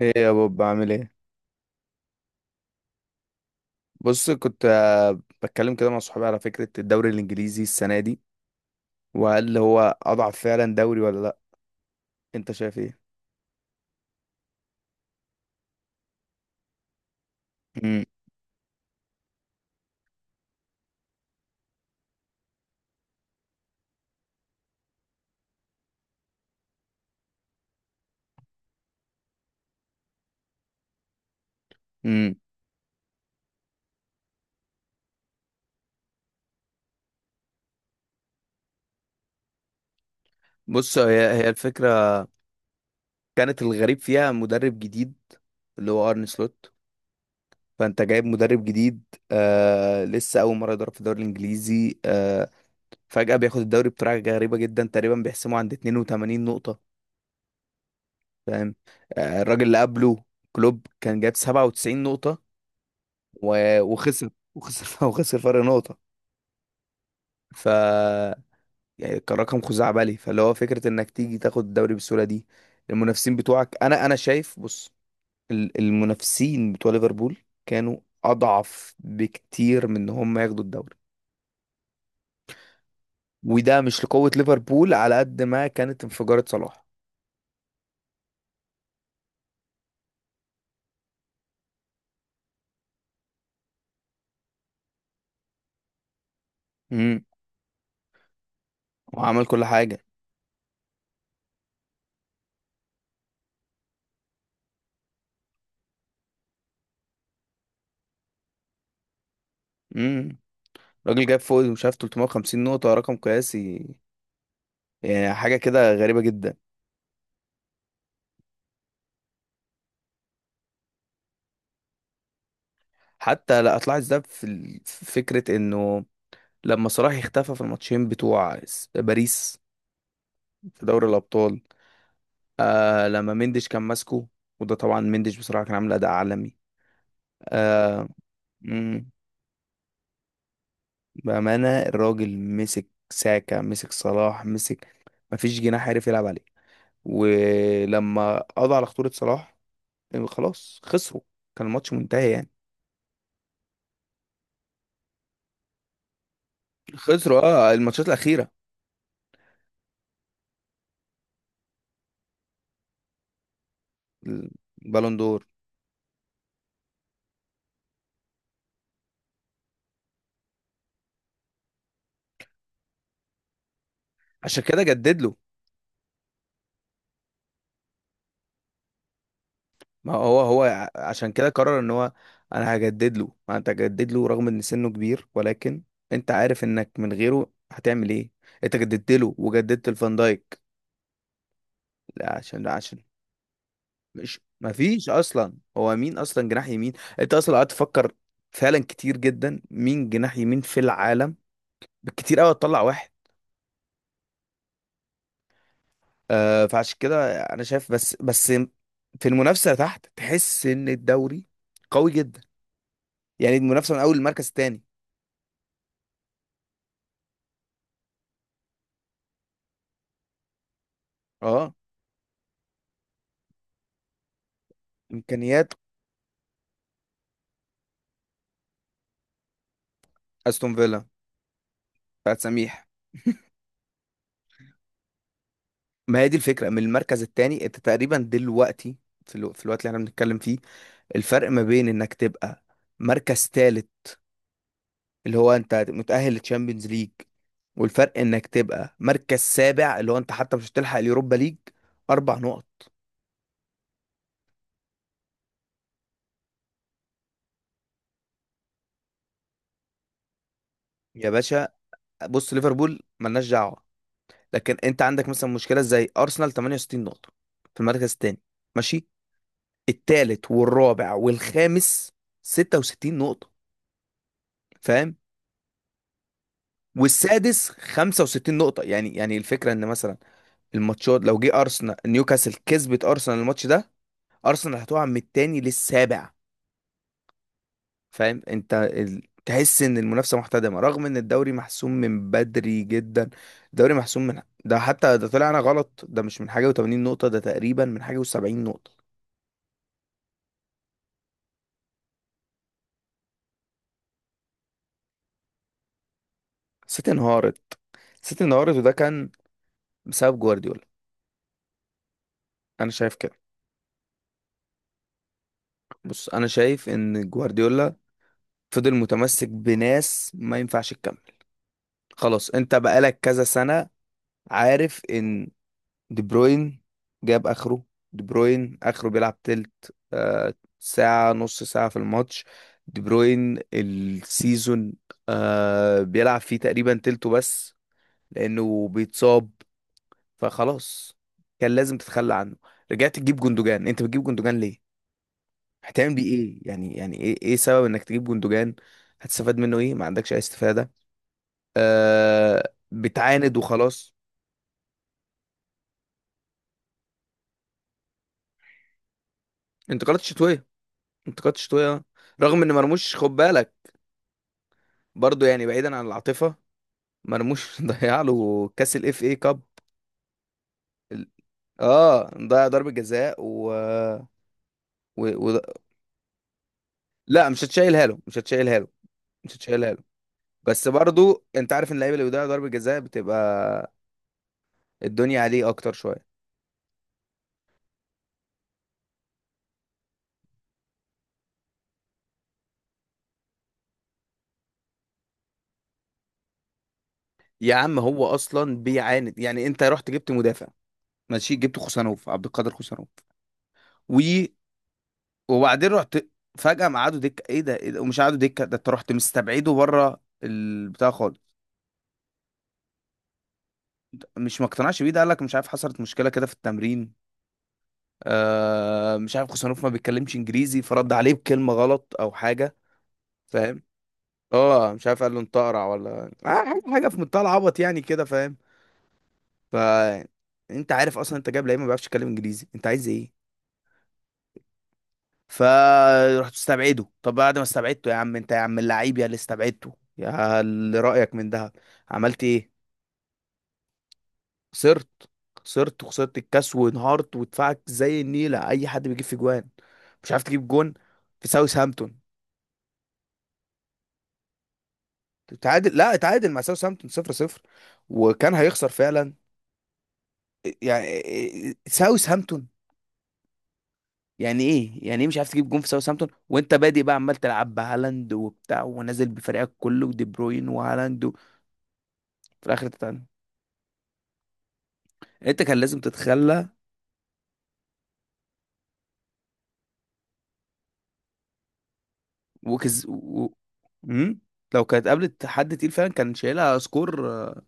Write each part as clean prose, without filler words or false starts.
ايه يا بوب، بعمل ايه؟ بص، كنت بتكلم كده مع صحابي على فكرة الدوري الانجليزي السنة دي، وهل هو اضعف فعلا دوري ولا لا؟ انت شايف ايه؟ امم امم بص، هي الفكرة، كانت الغريب فيها مدرب جديد، اللي هو ارن سلوت. فانت جايب مدرب جديد، لسه اول مرة يدرب في الدوري الانجليزي، فجأة بياخد الدوري بطريقة غريبة جدا، تقريبا بيحسمه عند 82 نقطة. فاهم؟ الراجل اللي قبله كلوب، كان جايب 97 نقطة و- وخسر وخسر وخسر فرق نقطة. ف يعني كان رقم خزعبلي، فاللي هو فكرة انك تيجي تاخد الدوري بالسهولة دي، المنافسين بتوعك، انا شايف، بص، المنافسين بتوع ليفربول كانوا اضعف بكتير من ان هم ياخدوا الدوري، وده مش لقوة ليفربول على قد ما كانت انفجارة صلاح. امم وعمل كل حاجة. امم راجل جاب فوق، مش عارف، 350 نقطة، رقم قياسي، يعني حاجة كده غريبة جدا. حتى لا، اطلعت ده في في فكرة انه لما صلاح اختفى في الماتشين بتوع باريس في دوري الأبطال، لما مندش كان ماسكه، وده طبعا مندش بصراحة كان عامل أداء عالمي. آه مم، بأمانة، الراجل مسك ساكا، مسك صلاح، مسك. مفيش جناح عرف يلعب عليه، ولما قضى على خطورة صلاح، خلاص خسروا، كان الماتش منتهي يعني. خسروا اه الماتشات الأخيرة. البالون دور. عشان كده جدد له. ما هو هو عشان كده قرر ان هو، انا هجدد له، ما انت هجدد له رغم ان سنه كبير، ولكن انت عارف انك من غيره هتعمل ايه؟ انت جددت له وجددت الفان دايك. لا عشان، لا عشان، مش ما فيش اصلا، هو مين اصلا جناح يمين؟ انت اصلا قعدت تفكر فعلا كتير جدا مين جناح يمين في العالم؟ بالكتير قوي تطلع واحد. فعشان كده انا شايف، بس في المنافسه تحت، تحس ان الدوري قوي جدا، يعني المنافسه من اول المركز الثاني. اه امكانيات. استون فيلا بتاعت سميح. ما هي دي الفكره من المركز الثاني. انت تقريبا دلوقتي، في الوقت اللي احنا بنتكلم فيه، الفرق ما بين انك تبقى مركز ثالث، اللي هو انت متاهل للتشامبيونز ليج، والفرق انك تبقى مركز سابع، اللي هو انت حتى مش هتلحق اليوروبا ليج، اربع نقط. يا باشا، بص، ليفربول ملناش دعوه، لكن انت عندك مثلا مشكله زي ارسنال 68 نقطه في المركز الثاني، ماشي، الثالث والرابع والخامس 66 نقطه، فاهم، والسادس 65 نقطة. يعني يعني الفكرة ان مثلا الماتشات، لو جه ارسنال نيوكاسل كسبت ارسنال الماتش ده، ارسنال هتقع من التاني للسابع. فاهم انت؟ تحس ان المنافسة محتدمة رغم ان الدوري محسوم من بدري جدا. الدوري محسوم من، ده حتى ده طلعنا غلط، ده مش من حاجة و80 نقطة، ده تقريبا من حاجة و70 نقطة. سيتي انهارت. سيتي انهارت، وده كان بسبب جوارديولا. انا شايف كده. بص، انا شايف ان جوارديولا فضل متمسك بناس ما ينفعش تكمل. خلاص انت بقالك كذا سنة، عارف ان دي بروين جاب اخره. دي بروين اخره بيلعب تلت، ساعة، نص ساعة في الماتش. دي بروين السيزون بيلعب فيه تقريبا تلته بس لانه بيتصاب. فخلاص كان لازم تتخلى عنه. رجعت تجيب جندوجان. انت بتجيب جندوجان ليه؟ هتعمل بيه ايه؟ يعني يعني ايه، ايه سبب انك تجيب جندوجان؟ هتستفاد منه ايه؟ ما عندكش اي استفادة. آه بتعاند وخلاص. انتقادات شتويه، انتقادات شتويه رغم ان مرموش، خد بالك، برضو يعني، بعيدا عن العاطفه، مرموش ضيع له كاس الاف اي كاب. ال- اه ضيع ضربه جزاء و... و... لا، مش هتشيلها له. بس برضو انت عارف ان اللعيبه اللي بيضيعوا ضربه جزاء بتبقى الدنيا عليه اكتر شويه. يا عم، هو اصلا بيعاند، يعني انت رحت جبت مدافع، ماشي، جبت خوسانوف، عبد القادر خوسانوف، وبعدين رحت فجأة مقعدوا دكة، ايه ده، ايه ده؟ ومش قعدوا دكة ده، انت رحت مستبعده بره البتاع خالص. مش ما اقتنعش بيه، ده قال لك مش عارف حصلت مشكلة كده في التمرين، مش عارف، خوسانوف ما بيتكلمش انجليزي، فرد عليه بكلمة غلط او حاجة. فاهم؟ اه، مش عارف، قال له انت اقرع ولا حاجة، حاجة في منتهى العبط يعني كده، فاهم. ف انت عارف اصلا انت جايب لعيب ما بيعرفش يتكلم انجليزي، انت عايز ايه؟ فرحت استبعده. طب بعد ما استبعدته، يا عم انت، يا عم اللعيب، يا اللي استبعدته، يا اللي رأيك من ده، عملت ايه؟ خسرت. خسرت وخسرت الكاس، وانهارت، ودفعك زي النيلة. اي حد بيجيب في جوان. مش عارف تجيب جون في ساوثهامبتون. تعادل، لا اتعادل مع ساوثهامبتون صفر صفر، وكان هيخسر فعلا يعني. ساوثهامبتون! يعني ايه، يعني ايه مش عارف تجيب جون في ساوثهامبتون، وانت بادئ بقى عمال تلعب بهالاند وبتاع ونازل بفريقك كله ودي بروين وهالاند في الاخر تتعادل. انت كان لازم تتخلى. وكز و... مم؟ لو كانت قابلت حد تقيل فعلا كان شايلها سكور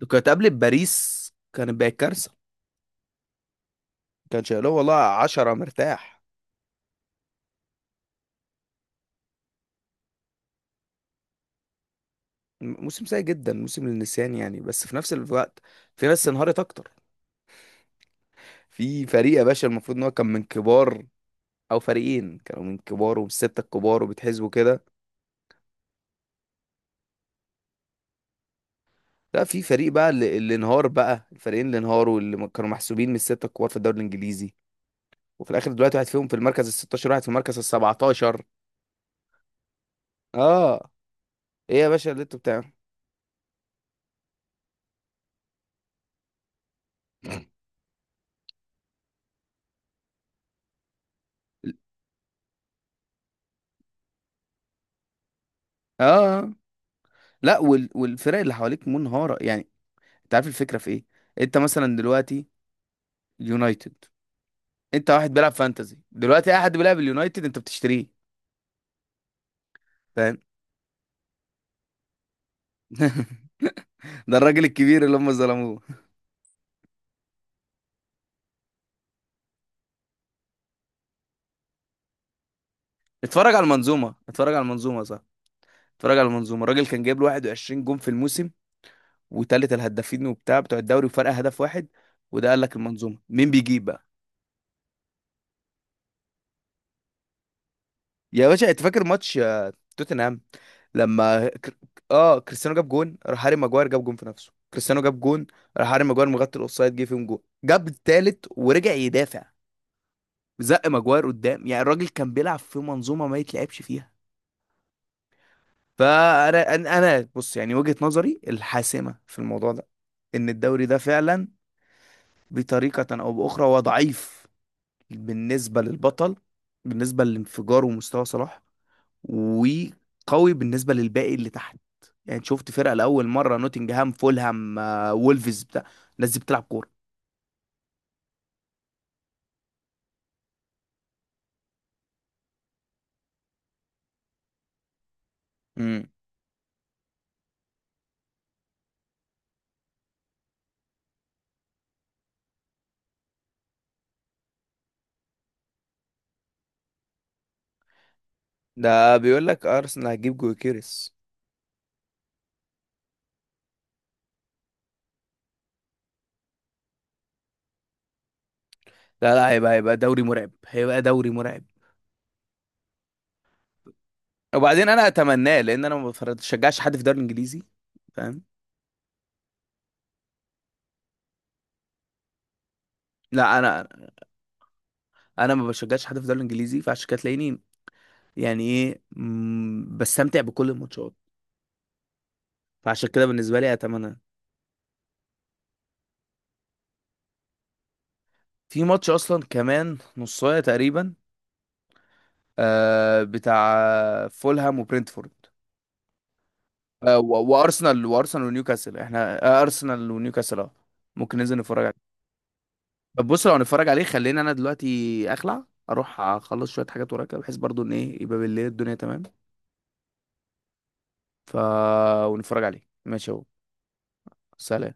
لو كانت قابلت باريس كانت بقت كارثه. كان شايلها والله عشرة مرتاح. موسم سيء جدا، موسم للنسيان يعني، بس في نفس الوقت في ناس انهارت اكتر. في فريق يا باشا المفروض ان هو كان من كبار، او فريقين كانوا من كبار ومن الستة الكبار وبيتحسبوا كده. لا في فريق بقى، اللي انهار بقى، الفريقين اللي انهاروا، اللي كانوا محسوبين من الستة الكبار في الدوري الانجليزي، وفي الاخر دلوقتي واحد فيهم في المركز ال 16، واحد في المركز ال 17. اه، ايه يا باشا اللي انتوا بتعمله؟ اه، لا وال... والفرق اللي حواليك منهارة يعني. انت عارف الفكرة في ايه؟ انت مثلا دلوقتي، يونايتد، انت واحد بيلعب فانتزي دلوقتي، اي حد بيلعب اليونايتد انت بتشتريه. فاهم؟ ده الراجل الكبير اللي هم ظلموه. اتفرج على المنظومة، اتفرج على المنظومة، صح، اتفرج على المنظومة. الراجل كان جايب له 21 جون في الموسم، وتالت الهدافين وبتاع بتوع الدوري، وفرق هدف واحد. وده قال لك المنظومة. مين بيجيب بقى؟ يا باشا انت فاكر ماتش توتنهام لما اه، كريستيانو جاب جون، راح هاري ماجواير جاب جون في نفسه، كريستيانو جاب جون، راح هاري ماجواير مغطي الاوفسايد جه فيهم جون، جاب التالت ورجع يدافع زق ماجواير قدام. يعني الراجل كان بيلعب في منظومه ما يتلعبش فيها. فانا، بص، يعني وجهه نظري الحاسمه في الموضوع ده، ان الدوري ده فعلا بطريقه او باخرى هو ضعيف، بالنسبه للبطل، بالنسبه لانفجاره ومستوى صلاح، وقوي بالنسبه للباقي اللي تحت. يعني شفت فرقه لاول مره، نوتنجهام، فولهام، وولفز، بتاع، الناس دي بتلعب كوره. امم ده بيقول لك ارسنال هتجيب جوكيريس. لا لا، هيبقى دوري مرعب، هيبقى دوري مرعب. وبعدين انا اتمناه، لان انا ما بشجعش حد في الدوري الانجليزي. فاهم؟ لا انا، انا ما بشجعش حد في الدوري الانجليزي، فعشان كده تلاقيني، يعني ايه، بستمتع بكل الماتشات. فعشان كده بالنسبه لي اتمنى. في ماتش اصلا كمان نص ساعه تقريبا، بتاع فولهام وبرنتفورد، آه و- وارسنال، وارسنال ونيوكاسل، احنا آه، ارسنال ونيوكاسل، اه، ممكن ننزل نتفرج عليه. طب بص، لو هنتفرج عليه، خلينا انا دلوقتي اخلع، اروح اخلص شويه حاجات ورايا كده، بحيث برضو ان ايه يبقى بالليل الدنيا تمام. ف ونتفرج عليه، ماشي اهو. سلام.